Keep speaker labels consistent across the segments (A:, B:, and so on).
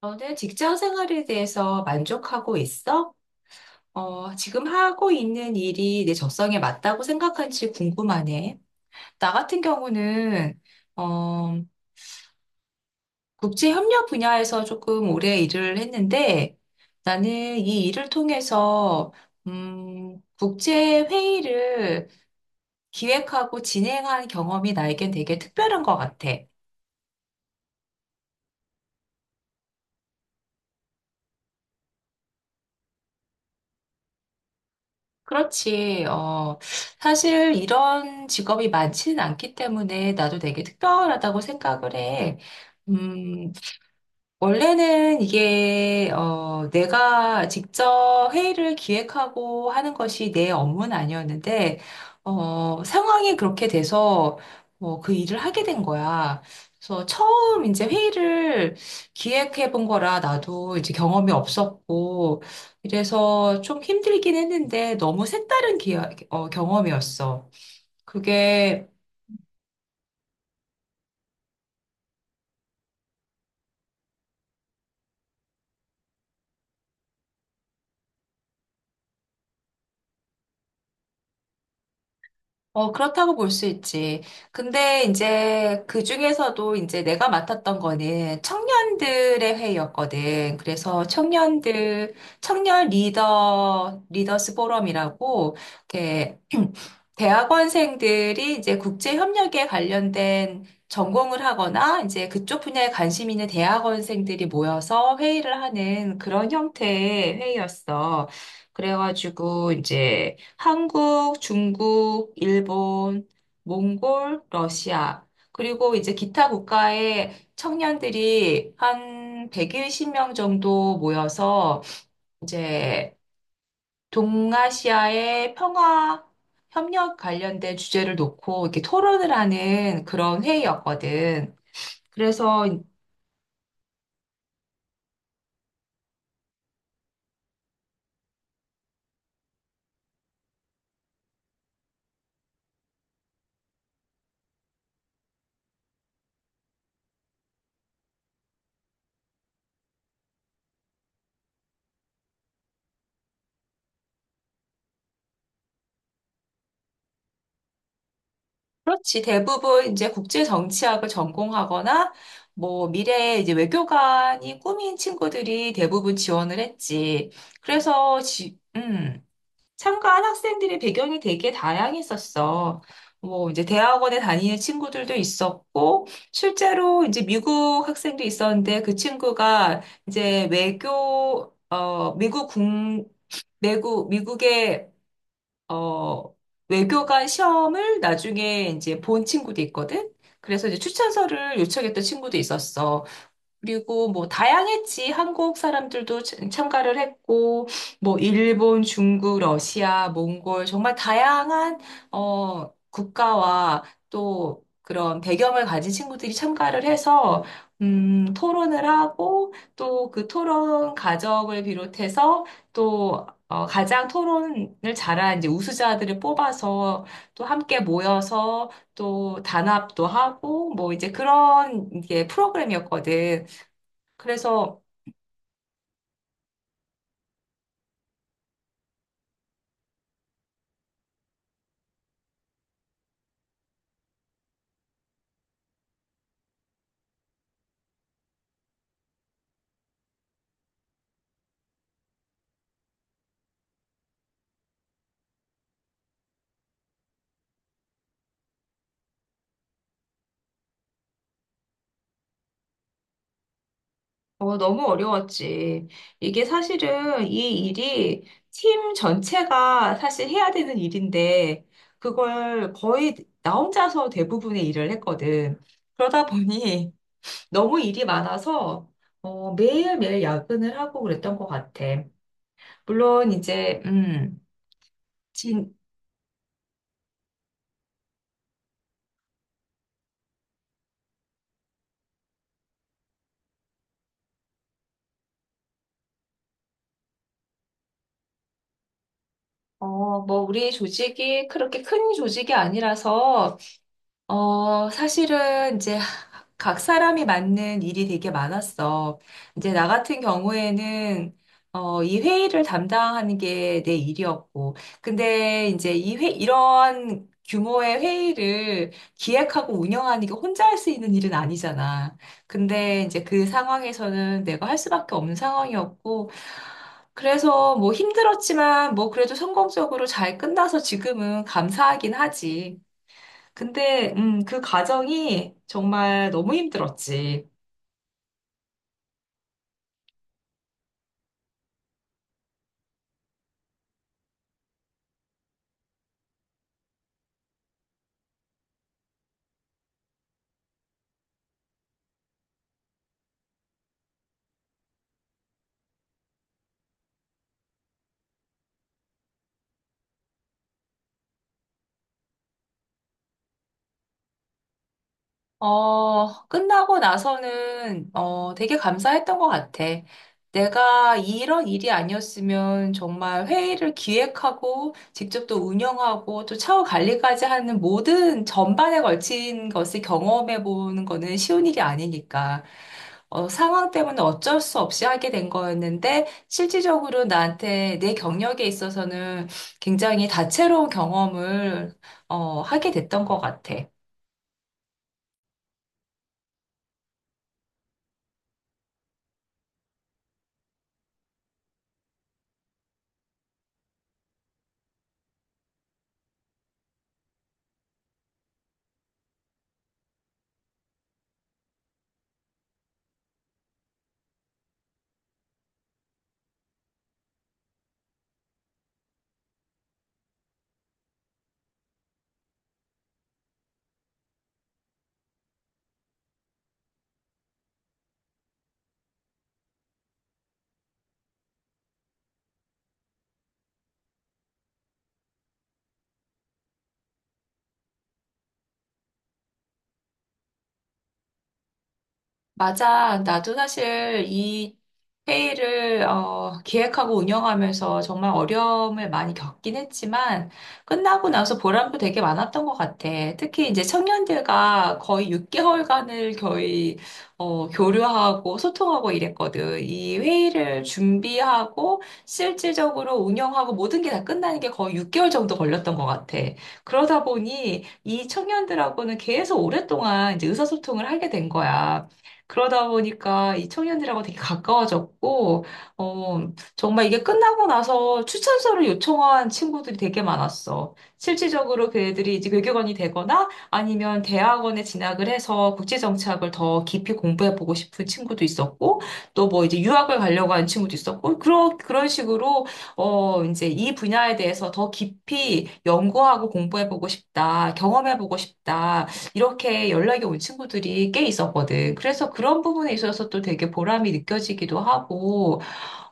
A: 너는 직장 생활에 대해서 만족하고 있어? 지금 하고 있는 일이 내 적성에 맞다고 생각한지 궁금하네. 나 같은 경우는, 어, 국제협력 분야에서 조금 오래 일을 했는데, 나는 이 일을 통해서, 국제회의를 기획하고 진행한 경험이 나에겐 되게 특별한 것 같아. 그렇지. 사실 이런 직업이 많지는 않기 때문에 나도 되게 특별하다고 생각을 해. 음, 원래는 이게, 내가 직접 회의를 기획하고 하는 것이 내 업무는 아니었는데, 상황이 그렇게 돼서, 그 일을 하게 된 거야. 그래서 처음 이제 회의를 기획해 본 거라 나도 이제 경험이 없었고, 이래서 좀 힘들긴 했는데 너무 색다른 경험이었어. 그게 그렇다고 볼 수 있지. 근데 이제 그 중에서도 이제 내가 맡았던 거는 청년들의 회의였거든. 그래서 청년들, 청년 리더, 리더스 포럼이라고, 이렇게, 대학원생들이 이제 국제협력에 관련된 전공을 하거나 이제 그쪽 분야에 관심 있는 대학원생들이 모여서 회의를 하는 그런 형태의 회의였어. 그래가지고 이제 한국, 중국, 일본, 몽골, 러시아. 그리고 이제 기타 국가의 청년들이 한 110명 정도 모여서 이제 동아시아의 평화 협력 관련된 주제를 놓고 이렇게 토론을 하는 그런 회의였거든. 그래서 그렇지. 대부분 이제 국제 정치학을 전공하거나 뭐 미래에 이제 외교관이 꿈인 친구들이 대부분 지원을 했지. 그래서 참가한 학생들의 배경이 되게 다양했었어. 뭐 이제 대학원에 다니는 친구들도 있었고 실제로 이제 미국 학생도 있었는데 그 친구가 이제 외교 어 미국 국 미국 미국의 어, 외교관 시험을 나중에 이제 본 친구도 있거든? 그래서 이제 추천서를 요청했던 친구도 있었어. 그리고 뭐 다양했지. 한국 사람들도 참가를 했고, 뭐 일본, 중국, 러시아, 몽골 정말 다양한 어 국가와 또 그런 배경을 가진 친구들이 참가를 해서 토론을 하고 또 그 토론 과정을 비롯해서 또 가장 토론을 잘한 이제 우수자들을 뽑아서 또 함께 모여서 또 단합도 하고 뭐 이제 그런 이게 프로그램이었거든. 그래서 너무 어려웠지. 이게 사실은 이 일이 팀 전체가 사실 해야 되는 일인데 그걸 거의 나 혼자서 대부분의 일을 했거든. 그러다 보니 너무 일이 많아서 매일매일 야근을 하고 그랬던 것 같아. 물론 이제 진, 뭐 우리 조직이 그렇게 큰 조직이 아니라서 사실은 이제 각 사람이 맞는 일이 되게 많았어. 이제 나 같은 경우에는 이 회의를 담당하는 게 내 일이었고. 근데 이제 이런 규모의 회의를 기획하고 운영하는 게 혼자 할 수 있는 일은 아니잖아. 근데 이제 그 상황에서는 내가 할 수밖에 없는 상황이었고. 그래서 뭐 힘들었지만 뭐 그래도 성공적으로 잘 끝나서 지금은 감사하긴 하지. 근데, 그 과정이 정말 너무 힘들었지. 끝나고 나서는, 되게 감사했던 것 같아. 내가 이런 일이 아니었으면 정말 회의를 기획하고, 직접 또 운영하고, 또 차후 관리까지 하는 모든 전반에 걸친 것을 경험해 보는 거는 쉬운 일이 아니니까. 상황 때문에 어쩔 수 없이 하게 된 거였는데, 실질적으로 나한테 내 경력에 있어서는 굉장히 다채로운 경험을, 하게 됐던 것 같아. 맞아. 나도 사실 이 회의를 기획하고 운영하면서 정말 어려움을 많이 겪긴 했지만 끝나고 나서 보람도 되게 많았던 것 같아. 특히 이제 청년들과 거의 6개월간을 거의 교류하고 소통하고 이랬거든. 이 회의를 준비하고 실질적으로 운영하고 모든 게 다 끝나는 게 거의 6개월 정도 걸렸던 것 같아. 그러다 보니 이 청년들하고는 계속 오랫동안 이제 의사소통을 하게 된 거야. 그러다 보니까 이 청년들하고 되게 가까워졌고, 어, 정말 이게 끝나고 나서 추천서를 요청한 친구들이 되게 많았어. 실질적으로 그 애들이 이제 외교관이 되거나 아니면 대학원에 진학을 해서 국제정치학을 더 깊이 공부해보고 싶은 친구도 있었고, 또 뭐 이제 유학을 가려고 하는 친구도 있었고, 그런, 그런 식으로, 이제 이 분야에 대해서 더 깊이 연구하고 공부해보고 싶다, 경험해보고 싶다, 이렇게 연락이 온 친구들이 꽤 있었거든. 그래서 그런 부분에 있어서 또 되게 보람이 느껴지기도 하고,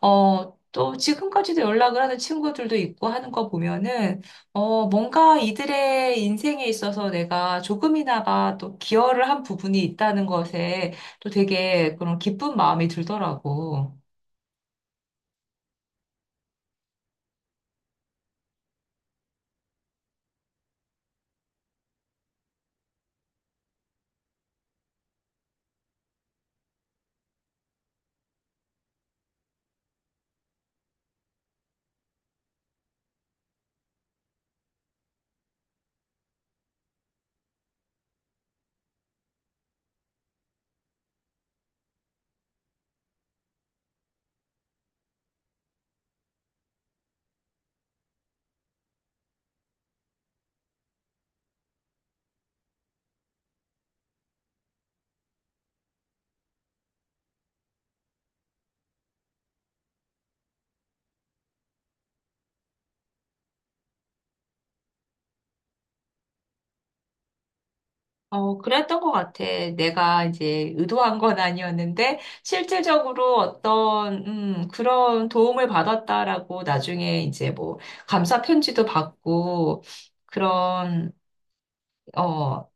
A: 또 지금까지도 연락을 하는 친구들도 있고 하는 거 보면은, 뭔가 이들의 인생에 있어서 내가 조금이나마 또 기여를 한 부분이 있다는 것에 또 되게 그런 기쁜 마음이 들더라고. 그랬던 것 같아. 내가 이제 의도한 건 아니었는데, 실질적으로 어떤, 그런 도움을 받았다라고 나중에 이제 뭐, 감사 편지도 받고, 그런, 어,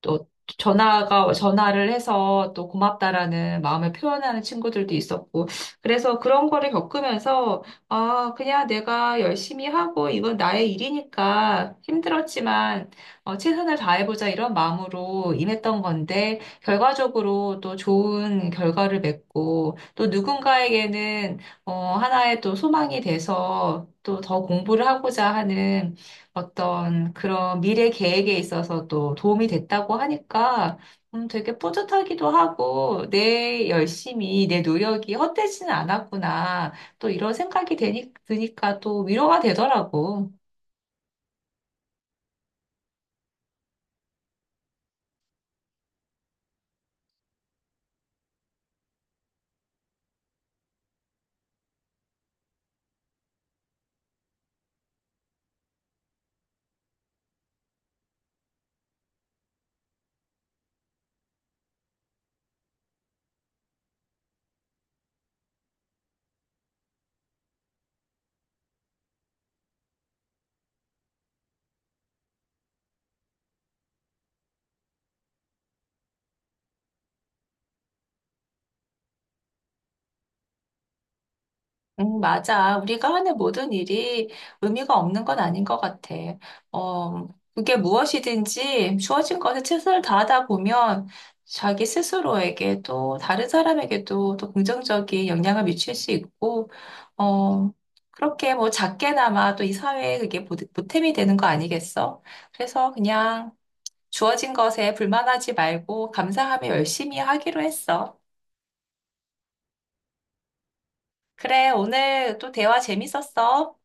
A: 또 전화가 전화를 해서 또 고맙다라는 마음을 표현하는 친구들도 있었고 그래서 그런 거를 겪으면서 아 그냥 내가 열심히 하고 이건 나의 일이니까 힘들었지만 최선을 다해보자 이런 마음으로 임했던 건데 결과적으로 또 좋은 결과를 맺고 또 누군가에게는 어, 하나의 또 소망이 돼서 또 더 공부를 하고자 하는 어떤 그런 미래 계획에 있어서도 도움이 됐다고 하니까 되게 뿌듯하기도 하고 내 열심히 내 노력이 헛되지는 않았구나. 또 이런 생각이 드니까 또 위로가 되더라고. 맞아. 우리가 하는 모든 일이 의미가 없는 건 아닌 것 같아. 어, 그게 무엇이든지 주어진 것에 최선을 다하다 보면 자기 스스로에게 또 다른 사람에게도 또 긍정적인 영향을 미칠 수 있고, 어, 그렇게 뭐 작게나마 또 이 사회에 그게 보탬이 되는 거 아니겠어? 그래서 그냥 주어진 것에 불만하지 말고 감사하며 열심히 하기로 했어. 그래, 오늘 또 대화 재밌었어.